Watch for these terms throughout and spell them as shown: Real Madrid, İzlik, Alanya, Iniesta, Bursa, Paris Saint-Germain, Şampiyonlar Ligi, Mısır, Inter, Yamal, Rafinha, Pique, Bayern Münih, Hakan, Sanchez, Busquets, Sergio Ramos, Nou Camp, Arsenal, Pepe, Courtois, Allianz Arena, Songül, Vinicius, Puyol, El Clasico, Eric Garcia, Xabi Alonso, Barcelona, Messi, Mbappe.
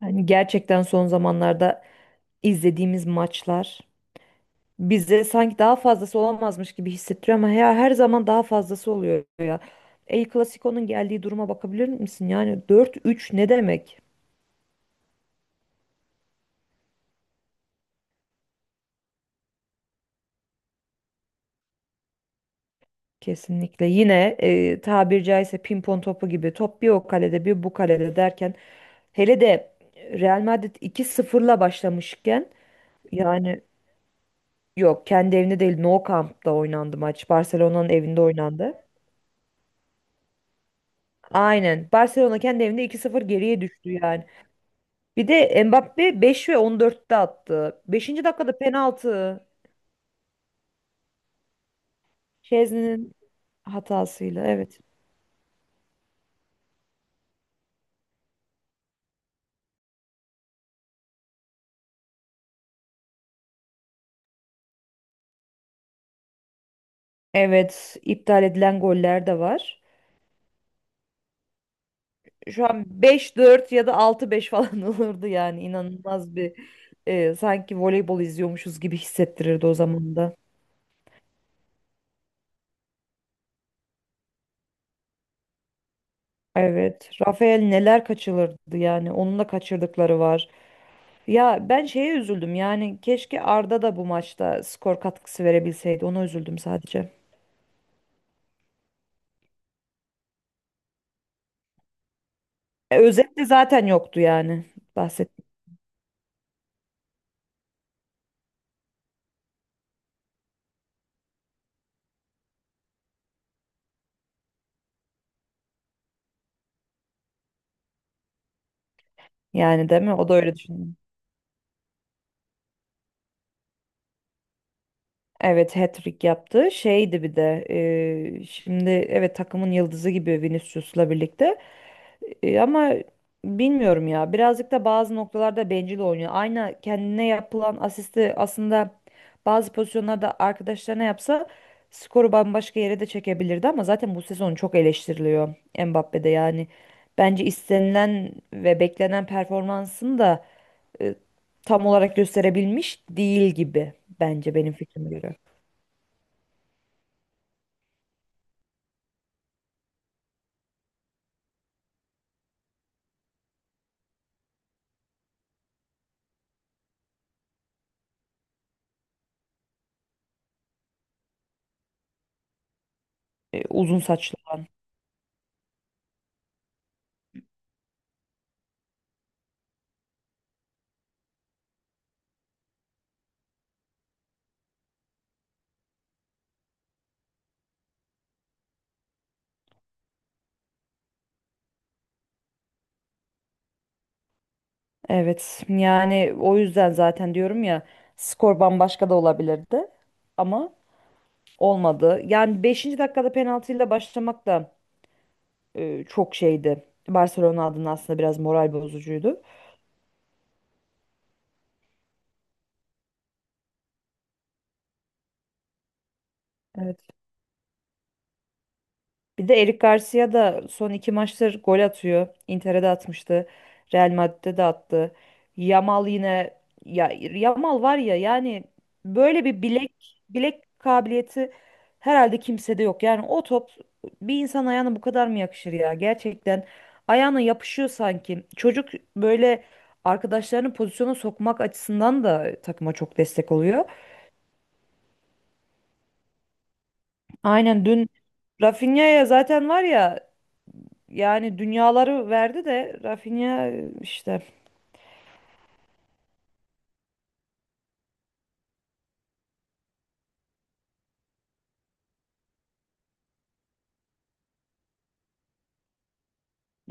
Hani gerçekten son zamanlarda izlediğimiz maçlar bize sanki daha fazlası olamazmış gibi hissettiriyor ama ya her zaman daha fazlası oluyor ya. El Clasico'nun geldiği duruma bakabilir misin? Yani dört üç ne demek? Kesinlikle. Yine tabiri caizse pimpon topu gibi top bir o kalede bir bu kalede derken hele de Real Madrid iki sıfırla başlamışken yani yok, kendi evinde değil, Nou Camp'ta oynandı maç. Barcelona'nın evinde oynandı. Aynen. Barcelona kendi evinde 2-0 geriye düştü yani. Bir de Mbappe 5 ve 14'te attı. 5. dakikada penaltı. Şezni'nin hatasıyla. Evet. Evet, iptal edilen goller de var. Şu an 5-4 ya da 6-5 falan olurdu yani. İnanılmaz bir, sanki voleybol izliyormuşuz gibi hissettirirdi o zaman da. Evet. Rafael neler kaçırırdı yani. Onun da kaçırdıkları var. Ya ben şeye üzüldüm yani, keşke Arda da bu maçta skor katkısı verebilseydi. Ona üzüldüm sadece. Özet de zaten yoktu yani, bahsettim. Yani değil mi? O da öyle düşünüyor. Evet, hat-trick yaptı. Şeydi bir de şimdi evet takımın yıldızı gibi Vinicius'la birlikte. Ama bilmiyorum ya. Birazcık da bazı noktalarda bencil oynuyor. Aynı kendine yapılan asisti aslında bazı pozisyonlarda arkadaşlarına yapsa skoru bambaşka yere de çekebilirdi ama zaten bu sezon çok eleştiriliyor Mbappe'de yani. Bence istenilen ve beklenen performansını da e, tam olarak gösterebilmiş değil gibi, bence benim fikrime göre. Uzun saçlı. Evet yani o yüzden zaten diyorum ya, skor bambaşka da olabilirdi ama olmadı. Yani beşinci dakikada penaltıyla başlamak da çok şeydi. Barcelona adına aslında biraz moral bozucuydu. Bir de Eric Garcia da son iki maçtır gol atıyor. Inter'e de atmıştı. Real Madrid'de de attı. Yamal yine, ya Yamal var ya yani, böyle bir bilek, bilek kabiliyeti herhalde kimsede yok. Yani o top bir insan ayağına bu kadar mı yakışır ya? Gerçekten ayağına yapışıyor sanki. Çocuk böyle arkadaşlarını pozisyona sokmak açısından da takıma çok destek oluyor. Aynen dün Rafinha'ya zaten, var ya, yani dünyaları verdi de Rafinha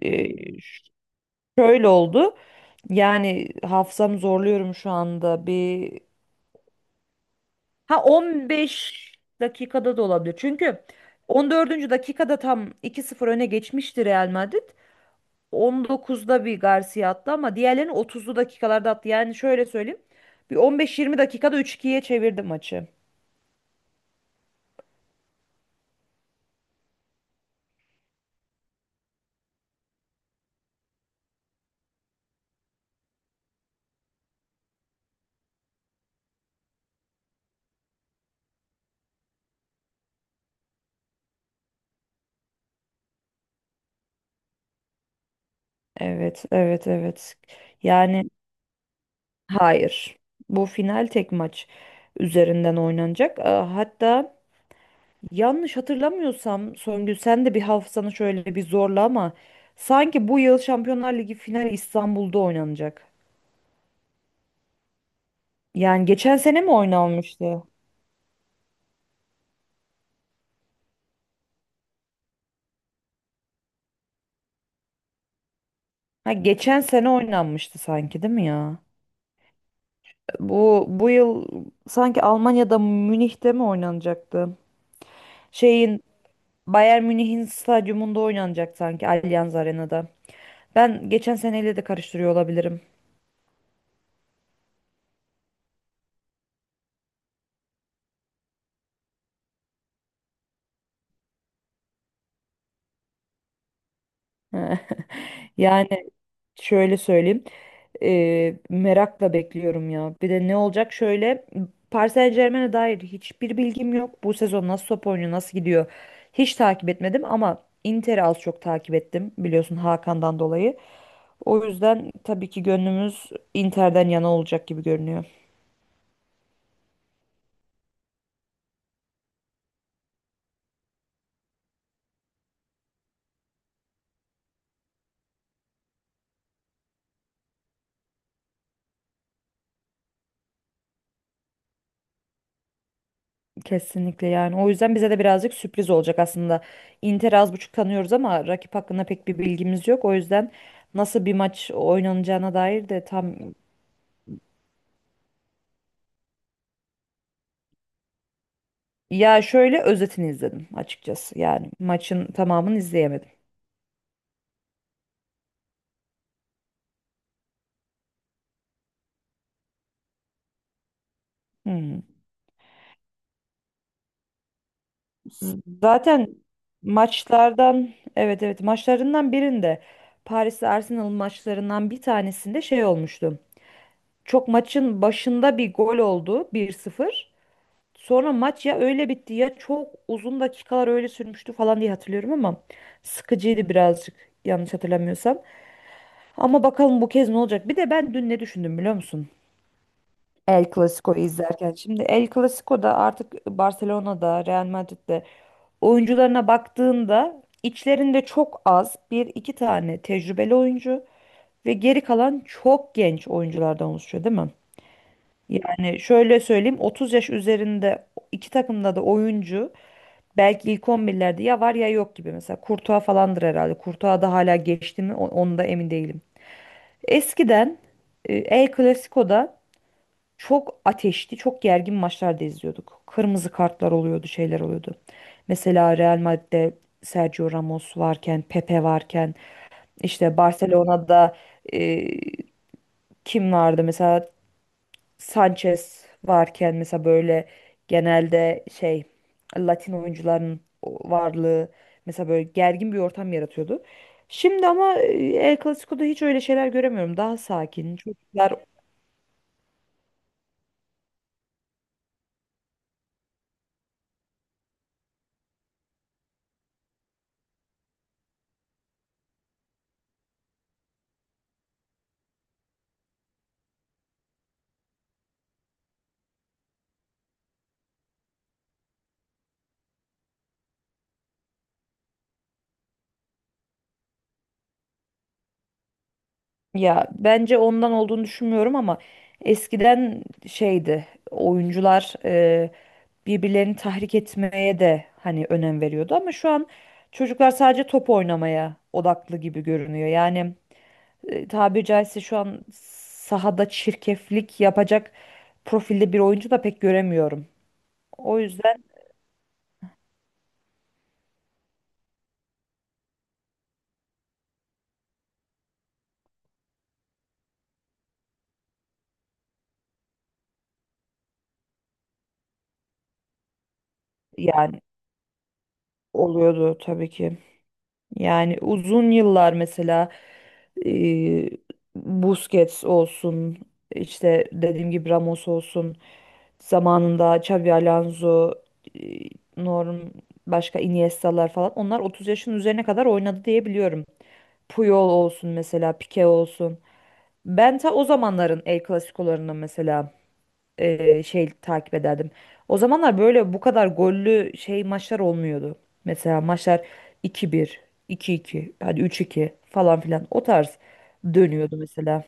e, şöyle oldu. Yani hafızamı zorluyorum şu anda. Bir ha 15 dakikada da olabilir. Çünkü 14. dakikada tam iki sıfır öne geçmişti Real Madrid. 19'da bir Garcia attı ama diğerlerini 30'lu dakikalarda attı. Yani şöyle söyleyeyim. Bir 15-20 dakikada 3-2'ye çevirdi maçı. Evet, evet, evet. Yani hayır. Bu final tek maç üzerinden oynanacak. Aa, hatta yanlış hatırlamıyorsam Songül, sen de bir hafızanı şöyle bir zorla ama sanki bu yıl Şampiyonlar Ligi finali İstanbul'da oynanacak. Yani geçen sene mi oynanmıştı? Ha geçen sene oynanmıştı sanki, değil mi ya? Bu yıl sanki Almanya'da, Münih'te mi oynanacaktı? Şeyin, Bayern Münih'in stadyumunda oynanacak sanki, Allianz Arena'da. Ben geçen seneyle de karıştırıyor olabilirim. Yani şöyle söyleyeyim. Merakla bekliyorum ya. Bir de ne olacak şöyle. Paris Saint-Germain'e dair hiçbir bilgim yok. Bu sezon nasıl top oynuyor, nasıl gidiyor hiç takip etmedim ama Inter'i az çok takip ettim biliyorsun Hakan'dan dolayı. O yüzden tabii ki gönlümüz Inter'den yana olacak gibi görünüyor. Kesinlikle yani. O yüzden bize de birazcık sürpriz olacak aslında. Inter'i az buçuk tanıyoruz ama rakip hakkında pek bir bilgimiz yok. O yüzden nasıl bir maç oynanacağına dair de tam, ya şöyle özetini izledim açıkçası. Yani maçın tamamını izleyemedim. Hmm. Zaten maçlardan, evet, evet, maçlarından birinde, Paris'le Arsenal maçlarından bir tanesinde şey olmuştu. Çok maçın başında bir gol oldu, bir sıfır. Sonra maç ya öyle bitti ya çok uzun dakikalar öyle sürmüştü falan diye hatırlıyorum ama sıkıcıydı birazcık, yanlış hatırlamıyorsam. Ama bakalım bu kez ne olacak? Bir de ben dün ne düşündüm biliyor musun? El Clasico'yu izlerken. Şimdi El Clasico'da artık Barcelona'da, Real Madrid'de oyuncularına baktığında içlerinde çok az, bir iki tane tecrübeli oyuncu ve geri kalan çok genç oyunculardan oluşuyor, değil mi? Yani şöyle söyleyeyim, 30 yaş üzerinde iki takımda da oyuncu belki ilk 11'lerde ya var ya yok gibi, mesela Courtois falandır herhalde. Courtois da hala geçti mi onu da emin değilim. Eskiden El Clasico'da çok ateşli, çok gergin maçlar da izliyorduk. Kırmızı kartlar oluyordu, şeyler oluyordu. Mesela Real Madrid'de Sergio Ramos varken, Pepe varken, işte Barcelona'da e, kim vardı? Mesela Sanchez varken, mesela böyle genelde şey, Latin oyuncuların varlığı mesela böyle gergin bir ortam yaratıyordu. Şimdi ama El Clasico'da hiç öyle şeyler göremiyorum. Daha sakin. Çocuklar, ya bence ondan olduğunu düşünmüyorum ama eskiden şeydi, oyuncular birbirlerini tahrik etmeye de hani önem veriyordu ama şu an çocuklar sadece top oynamaya odaklı gibi görünüyor. Yani tabiri caizse şu an sahada çirkeflik yapacak profilde bir oyuncu da pek göremiyorum. O yüzden yani oluyordu tabii ki. Yani uzun yıllar mesela e, Busquets olsun, işte dediğim gibi Ramos olsun, zamanında Xabi Alonso, e, Norm, başka Iniesta'lar falan, onlar 30 yaşın üzerine kadar oynadı diye biliyorum. Puyol olsun mesela, Pique olsun. Ben ta o zamanların El Clasico'larını mesela şey takip ederdim. O zamanlar böyle bu kadar gollü şey maçlar olmuyordu. Mesela maçlar iki bir, iki iki, hadi üç iki falan filan o tarz dönüyordu mesela.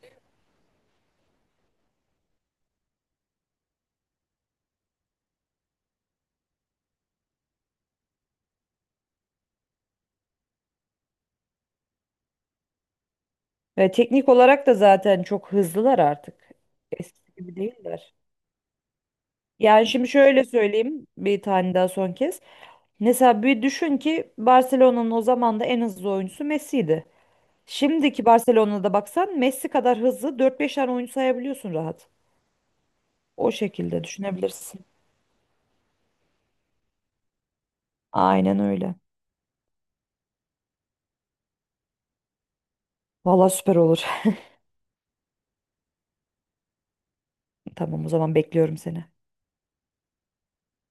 Ve teknik olarak da zaten çok hızlılar artık. Eskisi gibi değiller. Yani şimdi şöyle söyleyeyim bir tane daha, son kez. Mesela bir düşün ki Barcelona'nın o zaman da en hızlı oyuncusu Messi'ydi. Şimdiki Barcelona'da baksan Messi kadar hızlı dört 5 tane oyuncu sayabiliyorsun rahat. O şekilde düşünebilirsin. Aynen öyle. Vallahi süper olur. Tamam, o zaman bekliyorum seni.